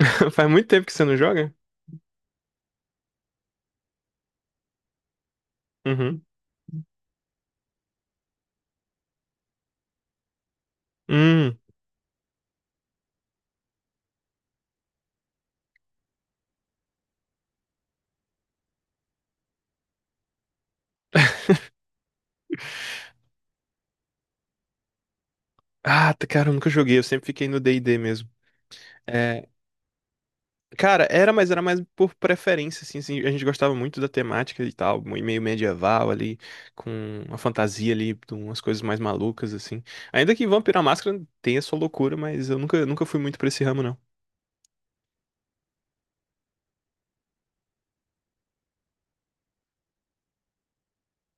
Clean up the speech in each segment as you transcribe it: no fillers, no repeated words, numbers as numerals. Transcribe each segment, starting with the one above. Faz muito tempo que você não joga? Uhum. Hum. Ah, cara, eu nunca joguei, eu sempre fiquei no D&D mesmo. É, cara, era, mas era mais por preferência, assim, a gente gostava muito da temática e tal, meio medieval ali, com uma fantasia ali, de umas coisas mais malucas, assim. Ainda que Vampiro à Máscara tenha sua loucura, mas eu nunca fui muito pra esse ramo, não.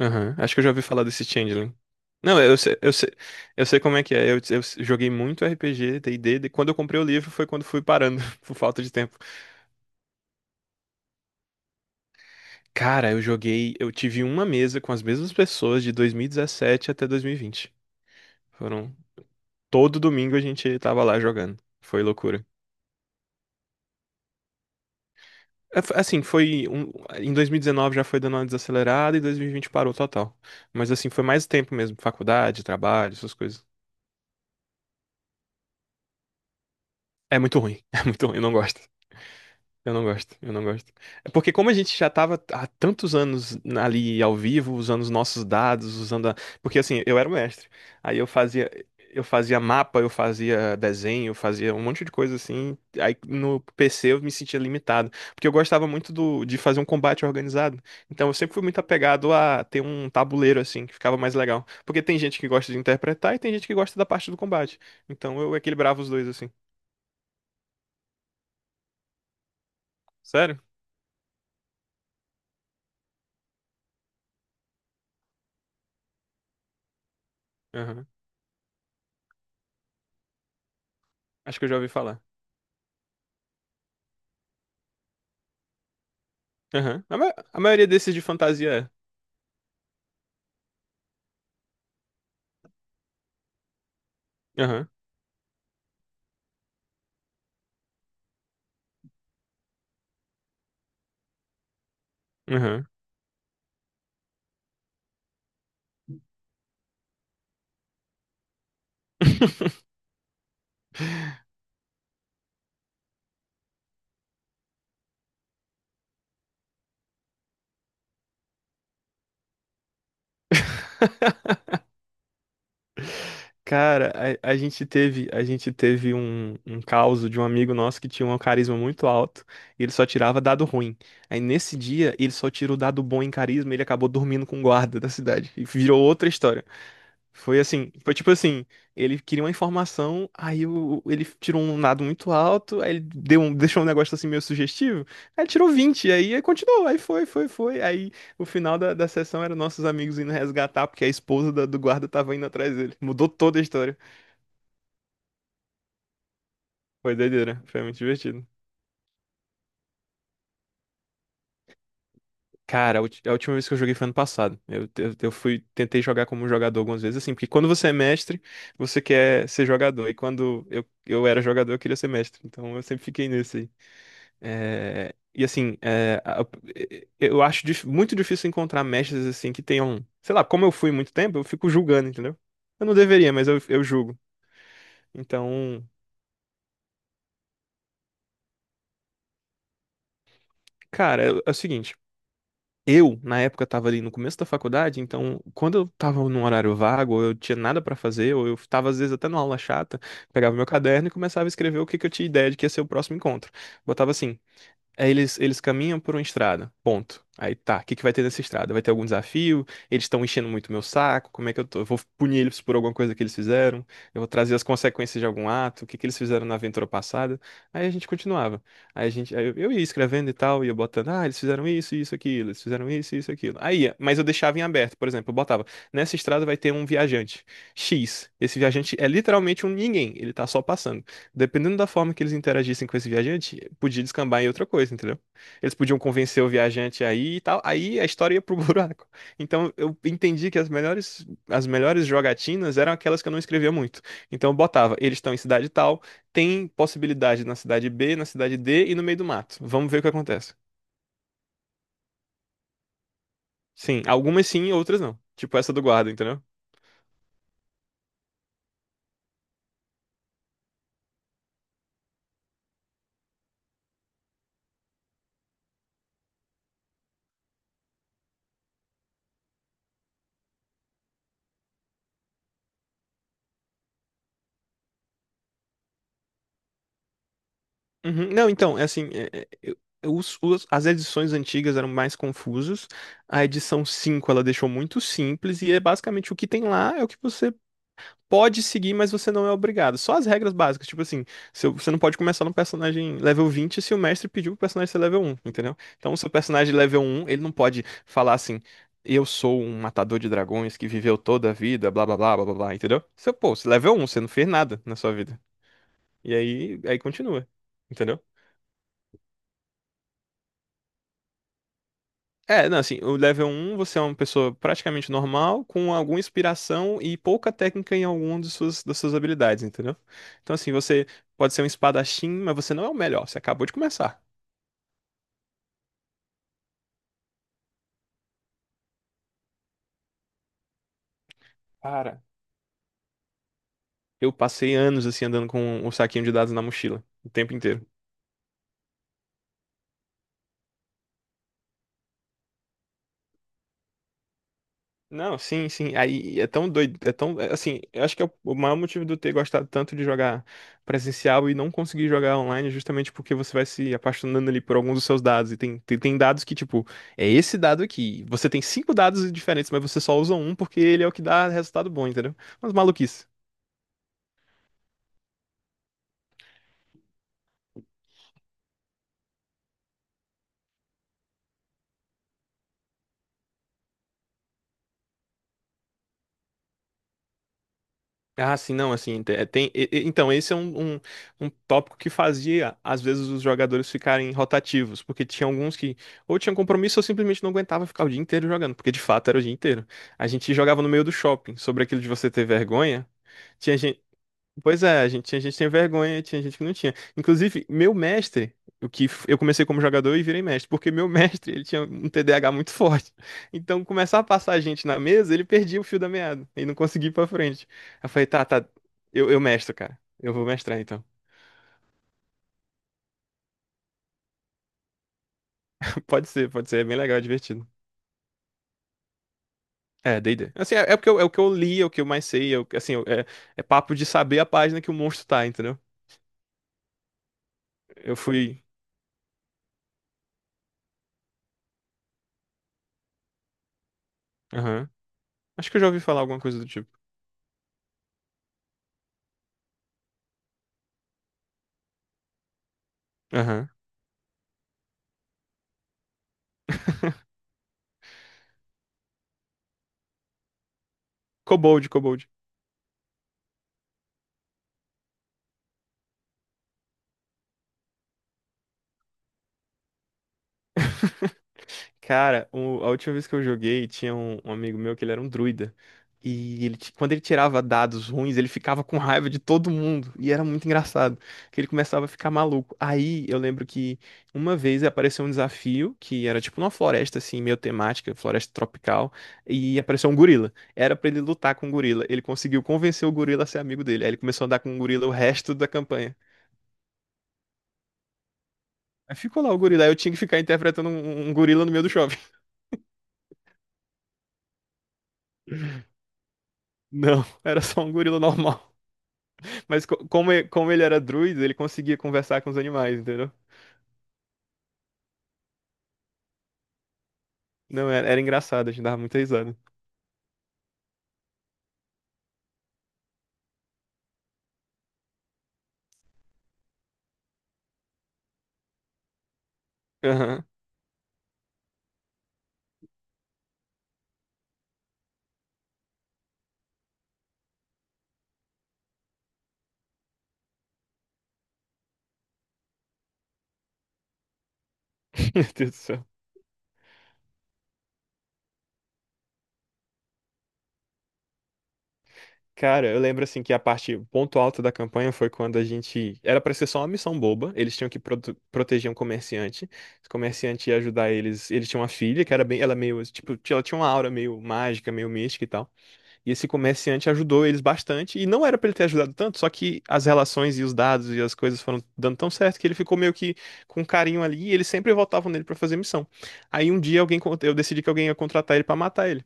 Aham. Acho que eu já ouvi falar desse Changeling. Não, eu sei como é que é, eu joguei muito RPG, D&D, quando eu comprei o livro foi quando fui parando, por falta de tempo. Cara, eu joguei. Eu tive uma mesa com as mesmas pessoas de 2017 até 2020. Foram. Todo domingo a gente tava lá jogando. Foi loucura. É, assim, foi. Em 2019 já foi dando uma desacelerada e 2020 parou total. Mas assim, foi mais tempo mesmo. Faculdade, trabalho, essas coisas. É muito ruim. É muito ruim, eu não gosto. Eu não gosto, eu não gosto. É porque como a gente já tava há tantos anos ali ao vivo, usando os nossos dados, usando a. Porque assim, eu era o mestre. Aí eu fazia mapa, eu fazia desenho, eu fazia um monte de coisa assim. Aí no PC eu me sentia limitado, porque eu gostava muito de fazer um combate organizado. Então eu sempre fui muito apegado a ter um tabuleiro assim, que ficava mais legal. Porque tem gente que gosta de interpretar e tem gente que gosta da parte do combate. Então eu equilibrava os dois assim. Sério? Aham. Acho que eu já ouvi falar. Aham. A maioria desses de fantasia é. Aham. Aham. Cara, a gente teve, um, caso de um amigo nosso que tinha um carisma muito alto e ele só tirava dado ruim. Aí nesse dia ele só tirou dado bom em carisma e ele acabou dormindo com o guarda da cidade. E virou outra história. Foi assim, foi tipo assim, ele queria uma informação, ele tirou um dado muito alto, aí ele deu um, deixou um negócio assim meio sugestivo, aí tirou 20 aí, aí continuou, aí foi, aí o final da sessão era nossos amigos indo resgatar, porque a esposa do guarda tava indo atrás dele. Mudou toda a história. Foi doideira, foi muito divertido. Cara, a última vez que eu joguei foi ano passado. Tentei jogar como jogador algumas vezes, assim, porque quando você é mestre, você quer ser jogador, e quando eu era jogador, eu queria ser mestre, então eu sempre fiquei nesse aí. É, e assim, é, eu acho muito difícil encontrar mestres assim que tenham, sei lá, como eu fui muito tempo, eu fico julgando, entendeu? Eu não deveria, mas eu julgo. Então, cara, é o seguinte, eu na época tava ali no começo da faculdade, então quando eu tava num horário vago, ou eu tinha nada pra fazer, ou eu tava às vezes até numa aula chata, pegava meu caderno e começava a escrever o que que eu tinha ideia de que ia ser o próximo encontro. Botava assim, aí eles caminham por uma estrada, ponto. Aí tá, o que que vai ter nessa estrada? Vai ter algum desafio? Eles estão enchendo muito meu saco? Como é que eu tô? Eu vou punir eles por alguma coisa que eles fizeram? Eu vou trazer as consequências de algum ato? O que que eles fizeram na aventura passada? Aí a gente continuava. Aí eu ia escrevendo e tal, ia botando, ah, eles fizeram isso, isso, aquilo, eles fizeram isso, isso, aquilo. Aí, ia, mas eu deixava em aberto, por exemplo, eu botava, nessa estrada vai ter um viajante X. Esse viajante é literalmente um ninguém, ele tá só passando. Dependendo da forma que eles interagissem com esse viajante, podia descambar em outra coisa, entendeu? Eles podiam convencer o viajante aí e tal, aí a história ia pro buraco. Então eu entendi que as melhores jogatinas eram aquelas que eu não escrevia muito. Então eu botava, eles estão em cidade tal, tem possibilidade na cidade B, na cidade D e no meio do mato. Vamos ver o que acontece. Sim, algumas sim, outras não. Tipo essa do guarda, entendeu? Uhum. Não, então, é assim, as edições antigas eram mais confusas. A edição 5, ela deixou muito simples e é basicamente o que tem lá é o que você pode seguir, mas você não é obrigado. Só as regras básicas, tipo assim, se o- você não pode começar no personagem level 20 se o mestre pediu pro personagem ser level um, entendeu? Então, o seu personagem level um, ele não pode falar assim, eu sou um matador de dragões que viveu toda a vida, blá blá blá blá blá, blá", entendeu? Você, pô, você level um, você não fez nada na sua vida. E aí continua. Entendeu? É, não, assim, o level um, você é uma pessoa praticamente normal, com alguma inspiração e pouca técnica em alguma das suas habilidades, entendeu? Então, assim, você pode ser um espadachim, mas você não é o melhor, você acabou de começar. Cara, eu passei anos, assim, andando com o saquinho de dados na mochila, o tempo inteiro. Não, sim, sim. Aí é tão doido, assim, eu acho que é o maior motivo de eu ter gostado tanto de jogar presencial e não conseguir jogar online é justamente porque você vai se apaixonando ali por alguns dos seus dados. E tem dados que, tipo, é esse dado aqui. Você tem cinco dados diferentes, mas você só usa um porque ele é o que dá resultado bom, entendeu? Mas maluquice. Ah, sim, não, assim, tem, então, esse é um tópico que fazia, às vezes, os jogadores ficarem rotativos, porque tinha alguns que ou tinham compromisso ou simplesmente não aguentava ficar o dia inteiro jogando, porque de fato era o dia inteiro. A gente jogava no meio do shopping, sobre aquilo de você ter vergonha, tinha. Pois é, tinha gente que tem vergonha, tinha gente que não tinha. Inclusive, meu mestre, eu comecei como jogador e virei mestre, porque meu mestre, ele tinha um TDAH muito forte. Então, começar a passar a gente na mesa, ele perdia o fio da meada e não conseguia ir pra frente. Aí eu falei, tá, tá, eu mestro, cara. Eu vou mestrar então. Pode ser, é bem legal, é divertido. É, D&D. Assim, é porque eu, é o que eu li, é o que eu mais sei, é, assim, é papo de saber a página que o monstro tá, entendeu? Eu fui. Aham. Acho que eu já ouvi falar alguma coisa do tipo. Aham. Kobold, Kobold. Cara, a última vez que eu joguei, tinha um amigo meu que ele era um druida. E quando ele tirava dados ruins, ele ficava com raiva de todo mundo. E era muito engraçado, que ele começava a ficar maluco. Aí eu lembro que uma vez apareceu um desafio, que era tipo numa floresta assim, meio temática, floresta tropical, e apareceu um gorila. Era pra ele lutar com o gorila. Ele conseguiu convencer o gorila a ser amigo dele. Aí ele começou a andar com o gorila o resto da campanha. Aí ficou lá o gorila, aí eu tinha que ficar interpretando um gorila no meio do shopping. Não, era só um gorila normal. Mas como, como ele era druida, ele conseguia conversar com os animais, entendeu? Não, era engraçado, a gente dava muita risada. Aham. Meu Deus do céu. Cara, eu lembro assim que a parte, o ponto alto da campanha foi quando a gente. Era pra ser só uma missão boba. Eles tinham que proteger um comerciante. Esse comerciante ia ajudar eles. Eles tinham uma filha que era bem. Ela meio. Tipo, ela tinha uma aura meio mágica, meio mística e tal. E esse comerciante ajudou eles bastante, e não era pra ele ter ajudado tanto, só que as relações e os dados e as coisas foram dando tão certo que ele ficou meio que com um carinho ali, e eles sempre voltavam nele pra fazer missão. Aí um dia eu decidi que alguém ia contratar ele pra matar ele.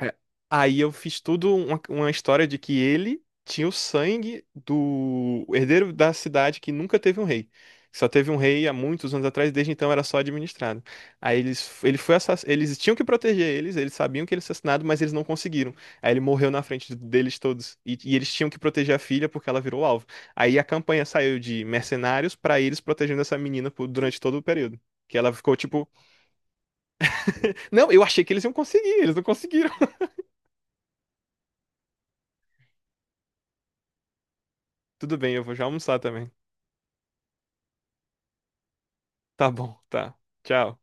É, aí eu fiz tudo uma história de que ele tinha o sangue do herdeiro da cidade que nunca teve um rei. Só teve um rei há muitos anos atrás, desde então era só administrado. Aí ele foi assass. Eles tinham que proteger eles, sabiam que ele era assassinado, mas eles não conseguiram. Aí ele morreu na frente deles todos. E eles tinham que proteger a filha porque ela virou alvo. Aí a campanha saiu de mercenários pra eles protegendo essa menina durante todo o período. Que ela ficou tipo, não, eu achei que eles iam conseguir, eles não conseguiram. Tudo bem, eu vou já almoçar também. Tá bom, tá. Tchau.